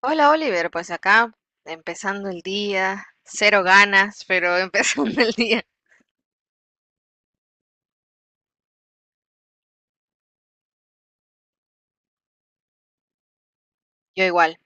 Hola Oliver, pues acá empezando el día, cero ganas, pero empezando el día. Yo igual.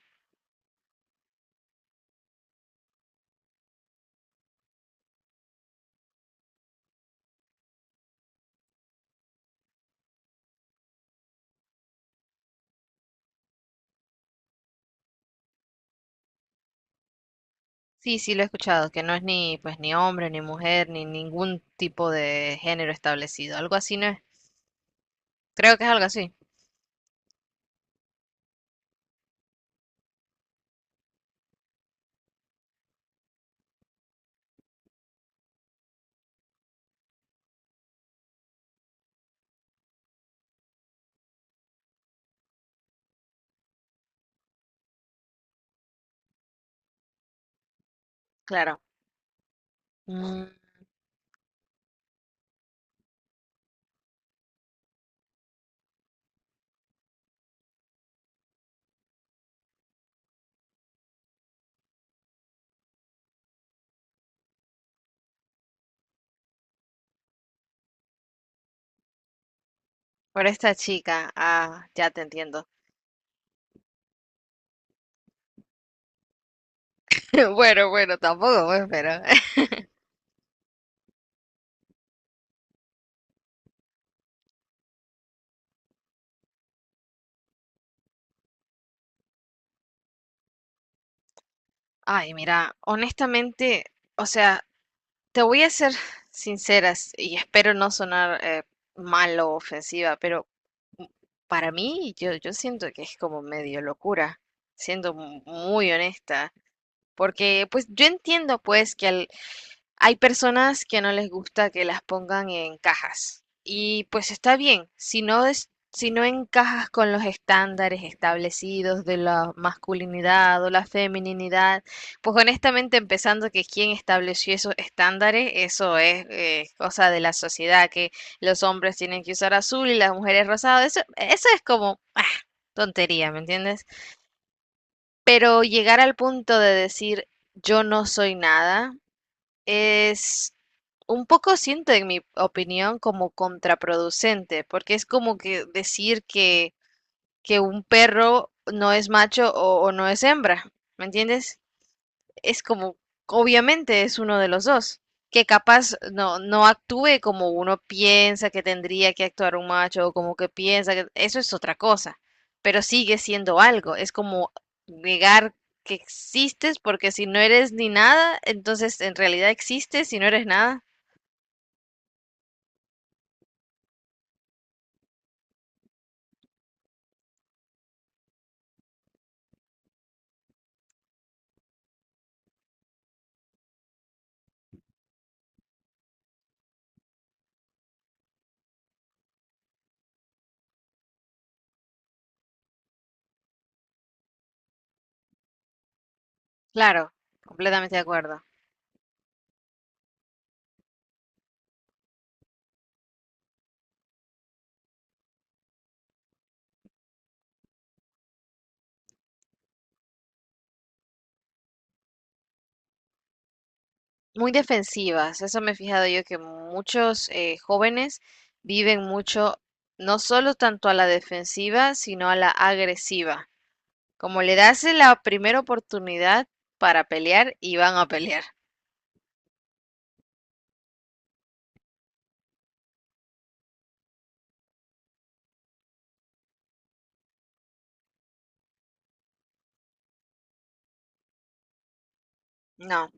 Sí, sí lo he escuchado, que no es ni pues ni hombre, ni mujer, ni ningún tipo de género establecido. Algo así, ¿no es? Creo que es algo así. Claro. Mm, por esta chica, ah, ya te entiendo. Bueno, bueno, tampoco, pues, pero. Ay, mira, honestamente, o sea, te voy a ser sinceras y espero no sonar mal o ofensiva, pero m- para mí yo, yo siento que es como medio locura, siendo muy honesta, porque pues yo entiendo pues que hay personas que no les gusta que las pongan en cajas. Y pues está bien, si no es, si no encajas con los estándares establecidos de la masculinidad o la femininidad, pues honestamente empezando que quien estableció esos estándares, eso es cosa de la sociedad, que los hombres tienen que usar azul y las mujeres rosado, eso es como ah, tontería, ¿me entiendes? Pero llegar al punto de decir yo no soy nada, es un poco siento, en mi opinión, como contraproducente, porque es como que decir que un perro no es macho o no es hembra, ¿me entiendes? Es como, obviamente es uno de los dos, que capaz no, no actúe como uno piensa que tendría que actuar un macho o como que piensa que eso es otra cosa, pero sigue siendo algo, es como negar que existes porque si no eres ni nada, entonces en realidad existes y no eres nada. Claro, completamente de acuerdo. Muy defensivas, eso me he fijado yo que muchos jóvenes viven mucho, no solo tanto a la defensiva, sino a la agresiva. Como le das la primera oportunidad para pelear y van a pelear. No.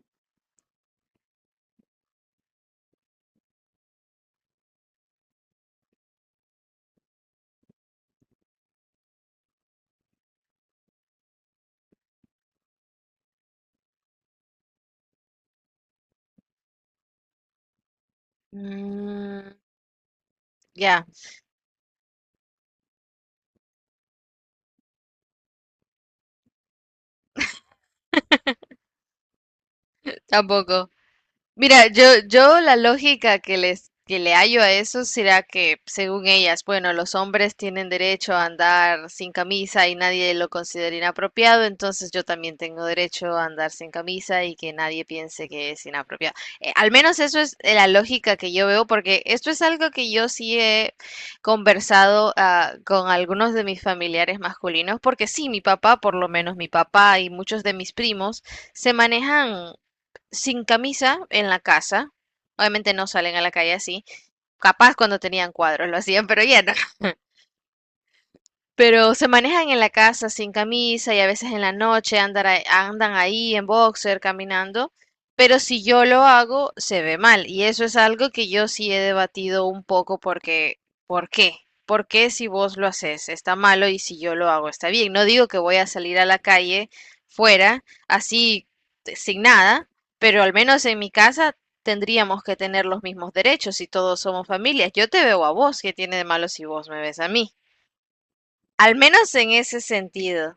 Mm, ya, tampoco. Mira, yo la lógica que les que le hallo a eso será que, según ellas, bueno, los hombres tienen derecho a andar sin camisa y nadie lo considera inapropiado, entonces yo también tengo derecho a andar sin camisa y que nadie piense que es inapropiado. Al menos eso es la lógica que yo veo, porque esto es algo que yo sí he conversado ah, con algunos de mis familiares masculinos, porque sí, mi papá, por lo menos mi papá y muchos de mis primos, se manejan sin camisa en la casa. Obviamente no salen a la calle así. Capaz cuando tenían cuadros lo hacían, pero ya no. Pero se manejan en la casa sin camisa y a veces en la noche andan, andan ahí en boxer caminando. Pero si yo lo hago, se ve mal. Y eso es algo que yo sí he debatido un poco porque, ¿por qué? ¿Por qué si vos lo haces está malo y si yo lo hago está bien? No digo que voy a salir a la calle fuera así sin nada, pero al menos en mi casa tendríamos que tener los mismos derechos si todos somos familias. Yo te veo a vos, ¿qué tiene de malo si vos me ves a mí? Al menos en ese sentido.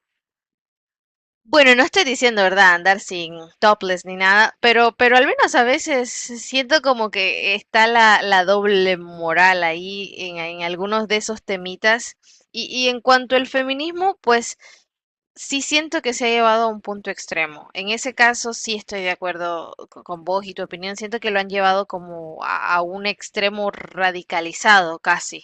Bueno, no estoy diciendo, ¿verdad?, andar sin topless ni nada, pero al menos a veces siento como que está la, la doble moral ahí en algunos de esos temitas. Y en cuanto al feminismo, pues sí siento que se ha llevado a un punto extremo. En ese caso sí estoy de acuerdo con vos y tu opinión. Siento que lo han llevado como a un extremo radicalizado casi.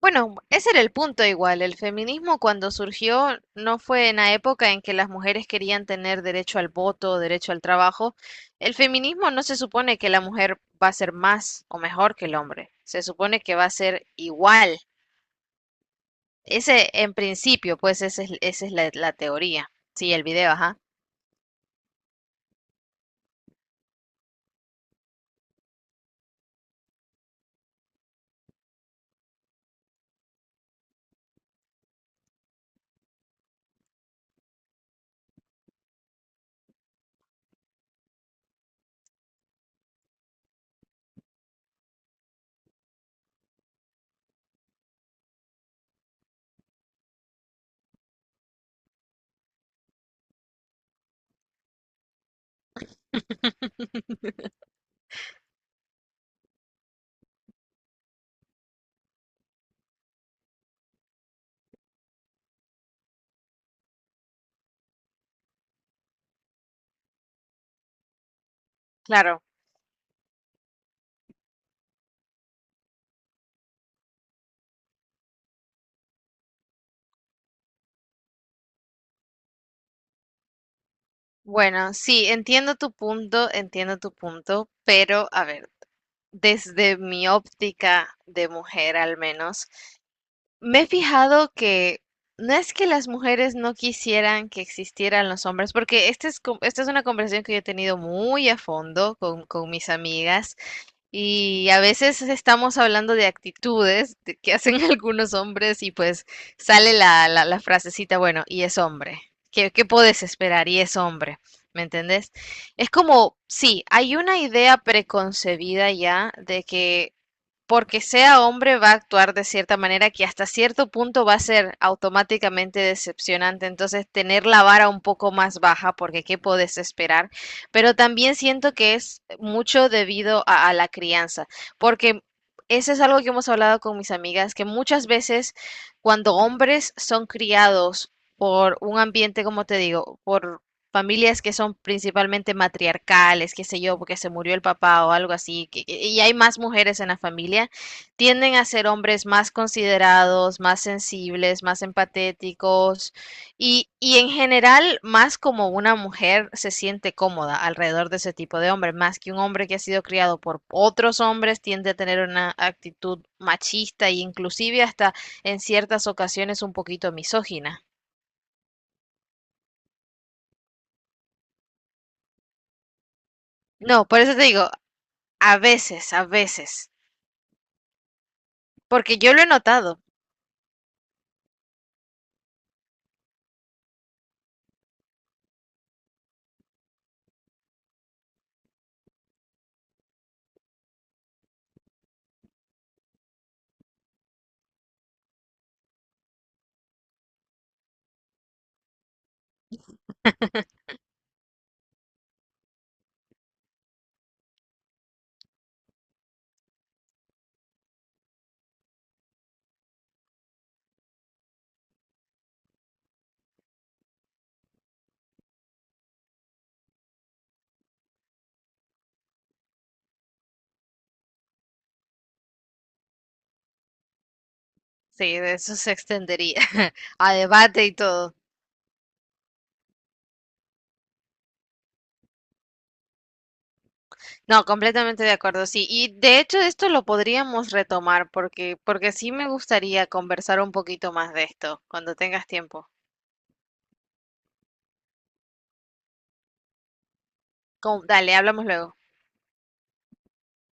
Bueno, ese era el punto igual. El feminismo cuando surgió no fue en la época en que las mujeres querían tener derecho al voto, derecho al trabajo. El feminismo no se supone que la mujer va a ser más o mejor que el hombre. Se supone que va a ser igual. Ese, en principio, pues esa es la, la teoría. Sí, el video, ajá. Claro. Bueno, sí, entiendo tu punto, pero a ver, desde mi óptica de mujer al menos. Me he fijado que no es que las mujeres no quisieran que existieran los hombres, porque esta es, esta es una conversación que yo he tenido muy a fondo con mis amigas y a veces estamos hablando de actitudes que hacen algunos hombres y pues sale la, la, la frasecita, bueno, y es hombre. ¿Qué, qué puedes esperar? Y es hombre. ¿Me entendés? Es como, sí, hay una idea preconcebida ya de que porque sea hombre va a actuar de cierta manera que hasta cierto punto va a ser automáticamente decepcionante. Entonces, tener la vara un poco más baja, porque qué podés esperar. Pero también siento que es mucho debido a la crianza, porque eso es algo que hemos hablado con mis amigas, que muchas veces cuando hombres son criados por un ambiente, como te digo, por familias que son principalmente matriarcales, qué sé yo, porque se murió el papá o algo así, y hay más mujeres en la familia, tienden a ser hombres más considerados, más sensibles, más empatéticos y en general más como una mujer se siente cómoda alrededor de ese tipo de hombre, más que un hombre que ha sido criado por otros hombres, tiende a tener una actitud machista e inclusive hasta en ciertas ocasiones un poquito misógina. No, por eso te digo, a veces, a veces. Porque yo lo he notado. Sí, de eso se extendería a debate y todo. No, completamente de acuerdo, sí. Y de hecho esto lo podríamos retomar porque, porque sí me gustaría conversar un poquito más de esto cuando tengas tiempo. Dale, hablamos luego.